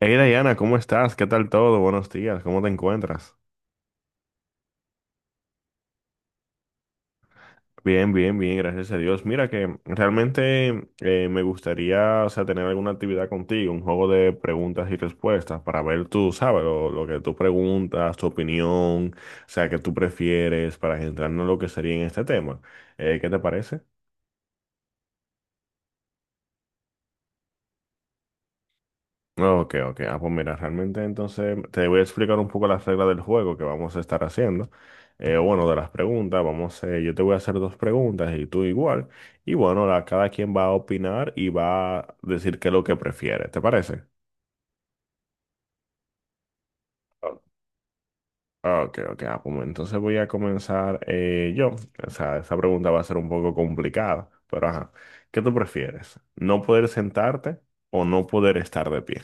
Hey Diana, ¿cómo estás? ¿Qué tal todo? Buenos días, ¿cómo te encuentras? Bien, bien, bien, gracias a Dios. Mira que realmente me gustaría, o sea, tener alguna actividad contigo, un juego de preguntas y respuestas para ver tú, sabes, lo que tú preguntas, tu opinión, o sea, qué tú prefieres para centrarnos en lo que sería en este tema. ¿qué te parece? Ok, ok. Ah, pues mira, realmente entonces te voy a explicar un poco las reglas del juego que vamos a estar haciendo. Bueno, de las preguntas, vamos, yo te voy a hacer dos preguntas y tú igual. Y bueno, cada quien va a opinar y va a decir qué es lo que prefiere. ¿Te parece? Ah, ok, ok. Ah, pues entonces voy a comenzar yo. O sea, esa pregunta va a ser un poco complicada, pero ajá. ¿Qué tú prefieres? ¿No poder sentarte o no poder estar de pie?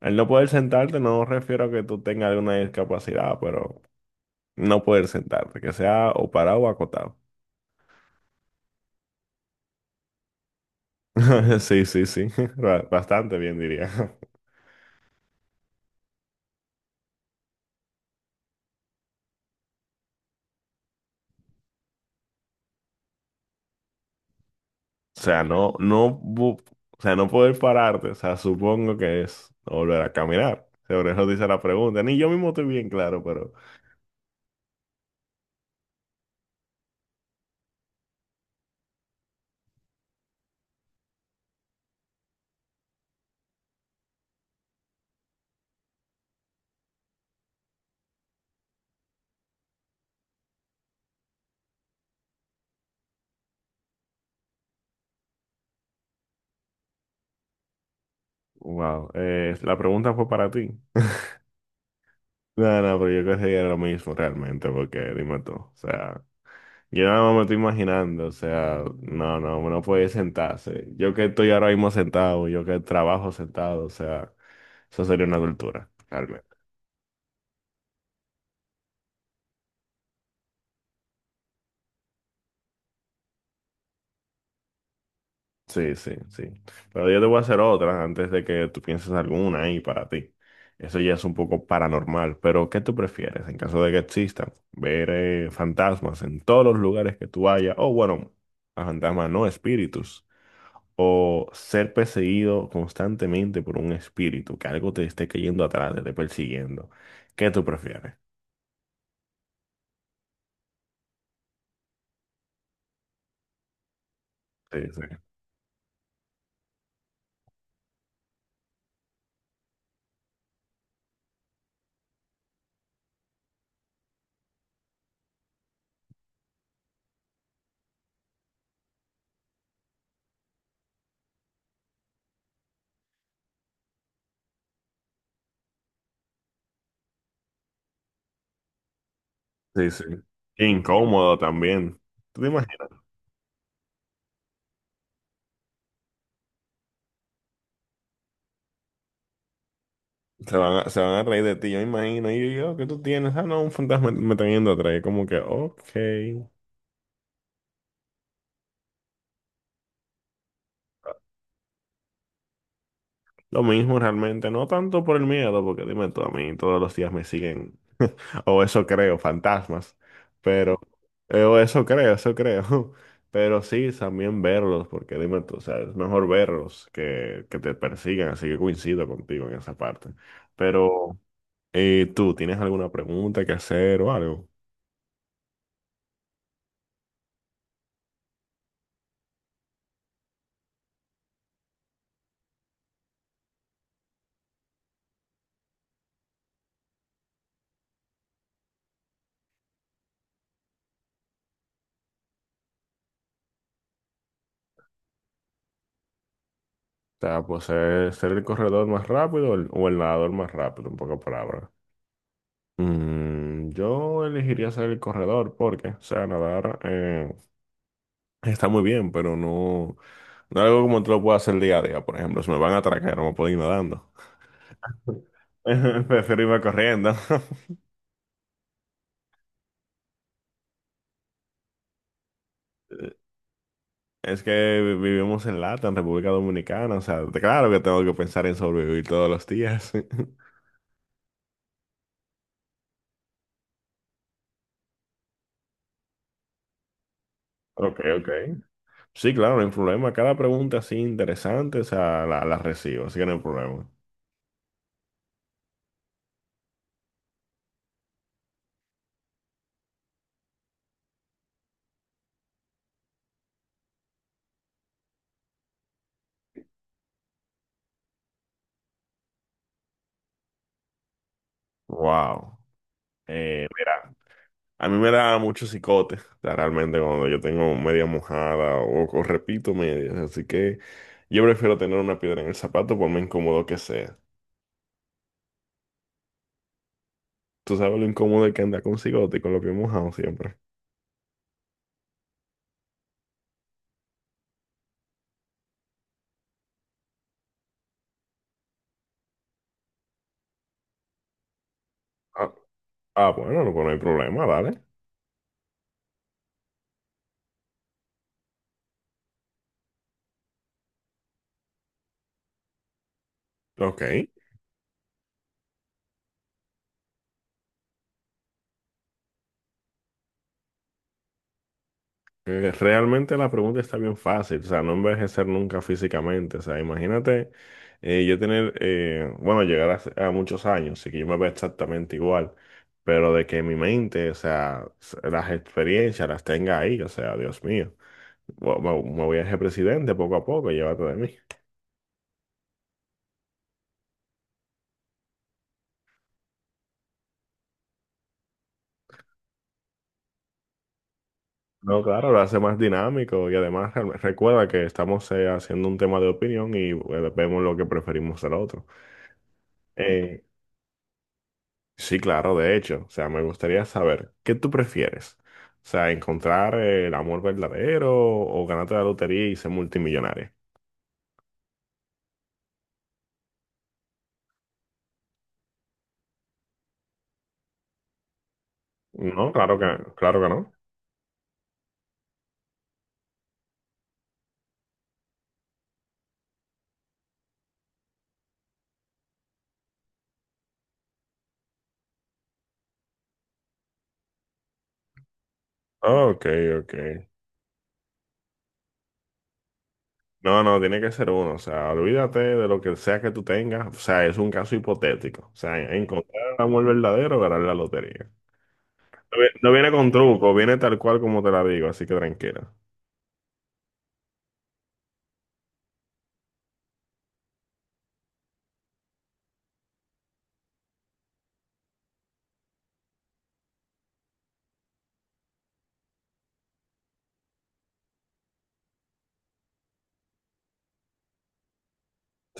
Al no poder sentarte, no refiero a que tú tengas alguna discapacidad, pero no poder sentarte, que sea o parado o acotado. Sí, sí, sí, bastante bien diría. O sea, o sea, no poder pararte, o sea, supongo que es volver a caminar. Sobre eso dice la pregunta. Ni yo mismo estoy bien claro, pero wow, la pregunta fue para ti. No, no, pero yo creo que sería lo mismo realmente, porque dime tú, o sea. Yo nada más me estoy imaginando, o sea, no, no, uno puede sentarse. Yo que estoy ahora mismo sentado, yo que trabajo sentado, o sea, eso sería una tortura, realmente. Sí, sí, sí. Pero yo te voy a hacer otra antes de que tú pienses alguna ahí para ti. Eso ya es un poco paranormal, pero ¿qué tú prefieres en caso de que existan? Ver fantasmas en todos los lugares que tú vayas, o bueno, a fantasmas no, espíritus, o ser perseguido constantemente por un espíritu, que algo te esté cayendo atrás, te esté persiguiendo. ¿Qué tú prefieres? Sí, sí, sí, sí. Qué incómodo también. ¿Tú te imaginas? Se van a reír de ti, yo me imagino. Y yo, ¿qué tú tienes? Ah, no, un fantasma me está yendo atrás. Y como que, ok. Lo mismo realmente, no tanto por el miedo, porque dime tú, a mí todos los días me siguen, o eso creo, fantasmas. Pero, o eso creo, eso creo. Pero sí, también verlos, porque dime tú, o sea, es mejor verlos que te persigan, así que coincido contigo en esa parte. Pero, tú, ¿tienes alguna pregunta que hacer o algo? O sea, pues ser el corredor más rápido o el nadador más rápido, en pocas palabras. Mm, yo elegiría ser el corredor porque, o sea, nadar, está muy bien, pero no, no es algo como te lo puedo hacer día a día. Por ejemplo, si me van a atracar, no me puedo ir nadando. Prefiero irme corriendo. Es que vivimos en Lata, en República Dominicana. O sea, claro que tengo que pensar en sobrevivir todos los días. Ok, ok. Sí, claro, no hay problema. Cada pregunta así interesante, o sea, la recibo, así que no hay problema. Wow. Eh, A mí me da mucho cicote, o sea, realmente cuando yo tengo media mojada o repito medias, así que yo prefiero tener una piedra en el zapato por más incómodo que sea. Tú sabes lo incómodo que anda con cigote y con los pies mojados siempre. Ah, ah, bueno, no, pues no hay problema, dale. Ok. Realmente la pregunta está bien fácil, o sea, no envejecer nunca físicamente, o sea, imagínate yo tener, bueno, llegar a, a muchos años, así que yo me veo exactamente igual, pero de que mi mente, o sea, las experiencias las tenga ahí, o sea, Dios mío, me, me voy a ser presidente poco a poco, llévate de mí. No, claro, lo hace más dinámico y además recuerda que estamos haciendo un tema de opinión y vemos lo que preferimos al otro. Sí, claro, de hecho, o sea, me gustaría saber, ¿qué tú prefieres? O sea, encontrar el amor verdadero o ganarte la lotería y ser multimillonario. No, claro que no. Ok, ok. No, no, tiene que ser uno, o sea, olvídate de lo que sea que tú tengas, o sea, es un caso hipotético, o sea, encontrar el amor verdadero o ganar la lotería. No viene con truco, viene tal cual como te la digo, así que tranquila.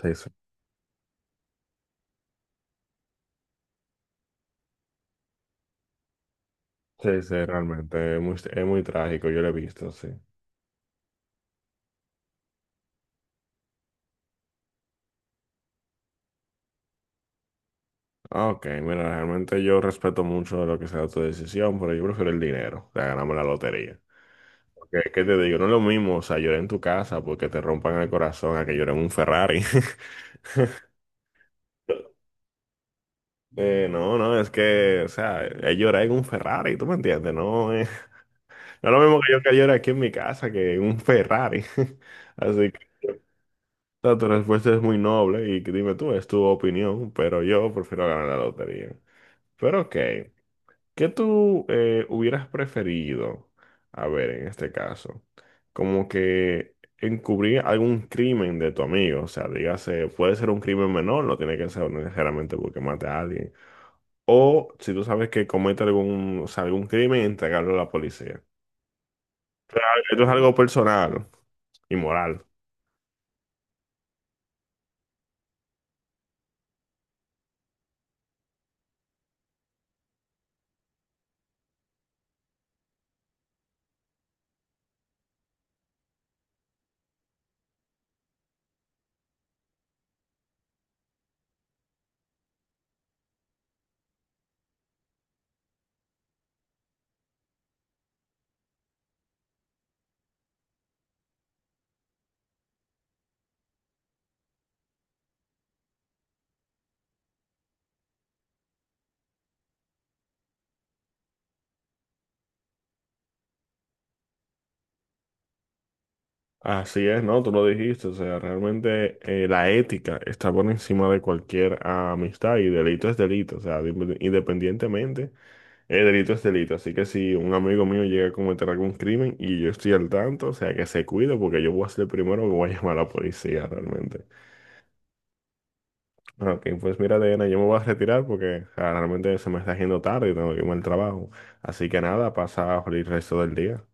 Sí, sí. Sí, sí, realmente, es muy trágico, yo lo he visto, sí. Ah, ok, mira, realmente yo respeto mucho lo que sea tu decisión, pero yo prefiero el dinero, o sea, ganarme la lotería. Porque, ¿qué te digo? No es lo mismo, o sea, llorar en tu casa porque te rompan el corazón a que llore en un Ferrari. No, no, es que, o sea, es llorar en un Ferrari, ¿tú me entiendes? No, no es lo mismo que yo que llore aquí en mi casa que en un Ferrari. Así que, o sea, tu respuesta es muy noble y dime tú, es tu opinión, pero yo prefiero ganar la lotería. Pero ok. ¿Qué tú hubieras preferido? A ver, en este caso, como que encubrir algún crimen de tu amigo, o sea, dígase, puede ser un crimen menor, no tiene que ser necesariamente porque mate a alguien, o si tú sabes que comete algún, o sea, algún crimen, entregarlo a la policía. Esto es algo personal y moral. Así es, ¿no? Tú lo dijiste, o sea, realmente la ética está por encima de cualquier amistad y delito es delito, o sea, independientemente. El delito es delito, así que si un amigo mío llega a cometer algún crimen y yo estoy al tanto, o sea, que se cuide porque yo voy a ser el primero que voy a llamar a la policía realmente. Ah, ok, pues mira, Diana, yo me voy a retirar porque o sea, realmente se me está haciendo tarde y tengo que irme al trabajo. Así que nada, pasa el resto del día.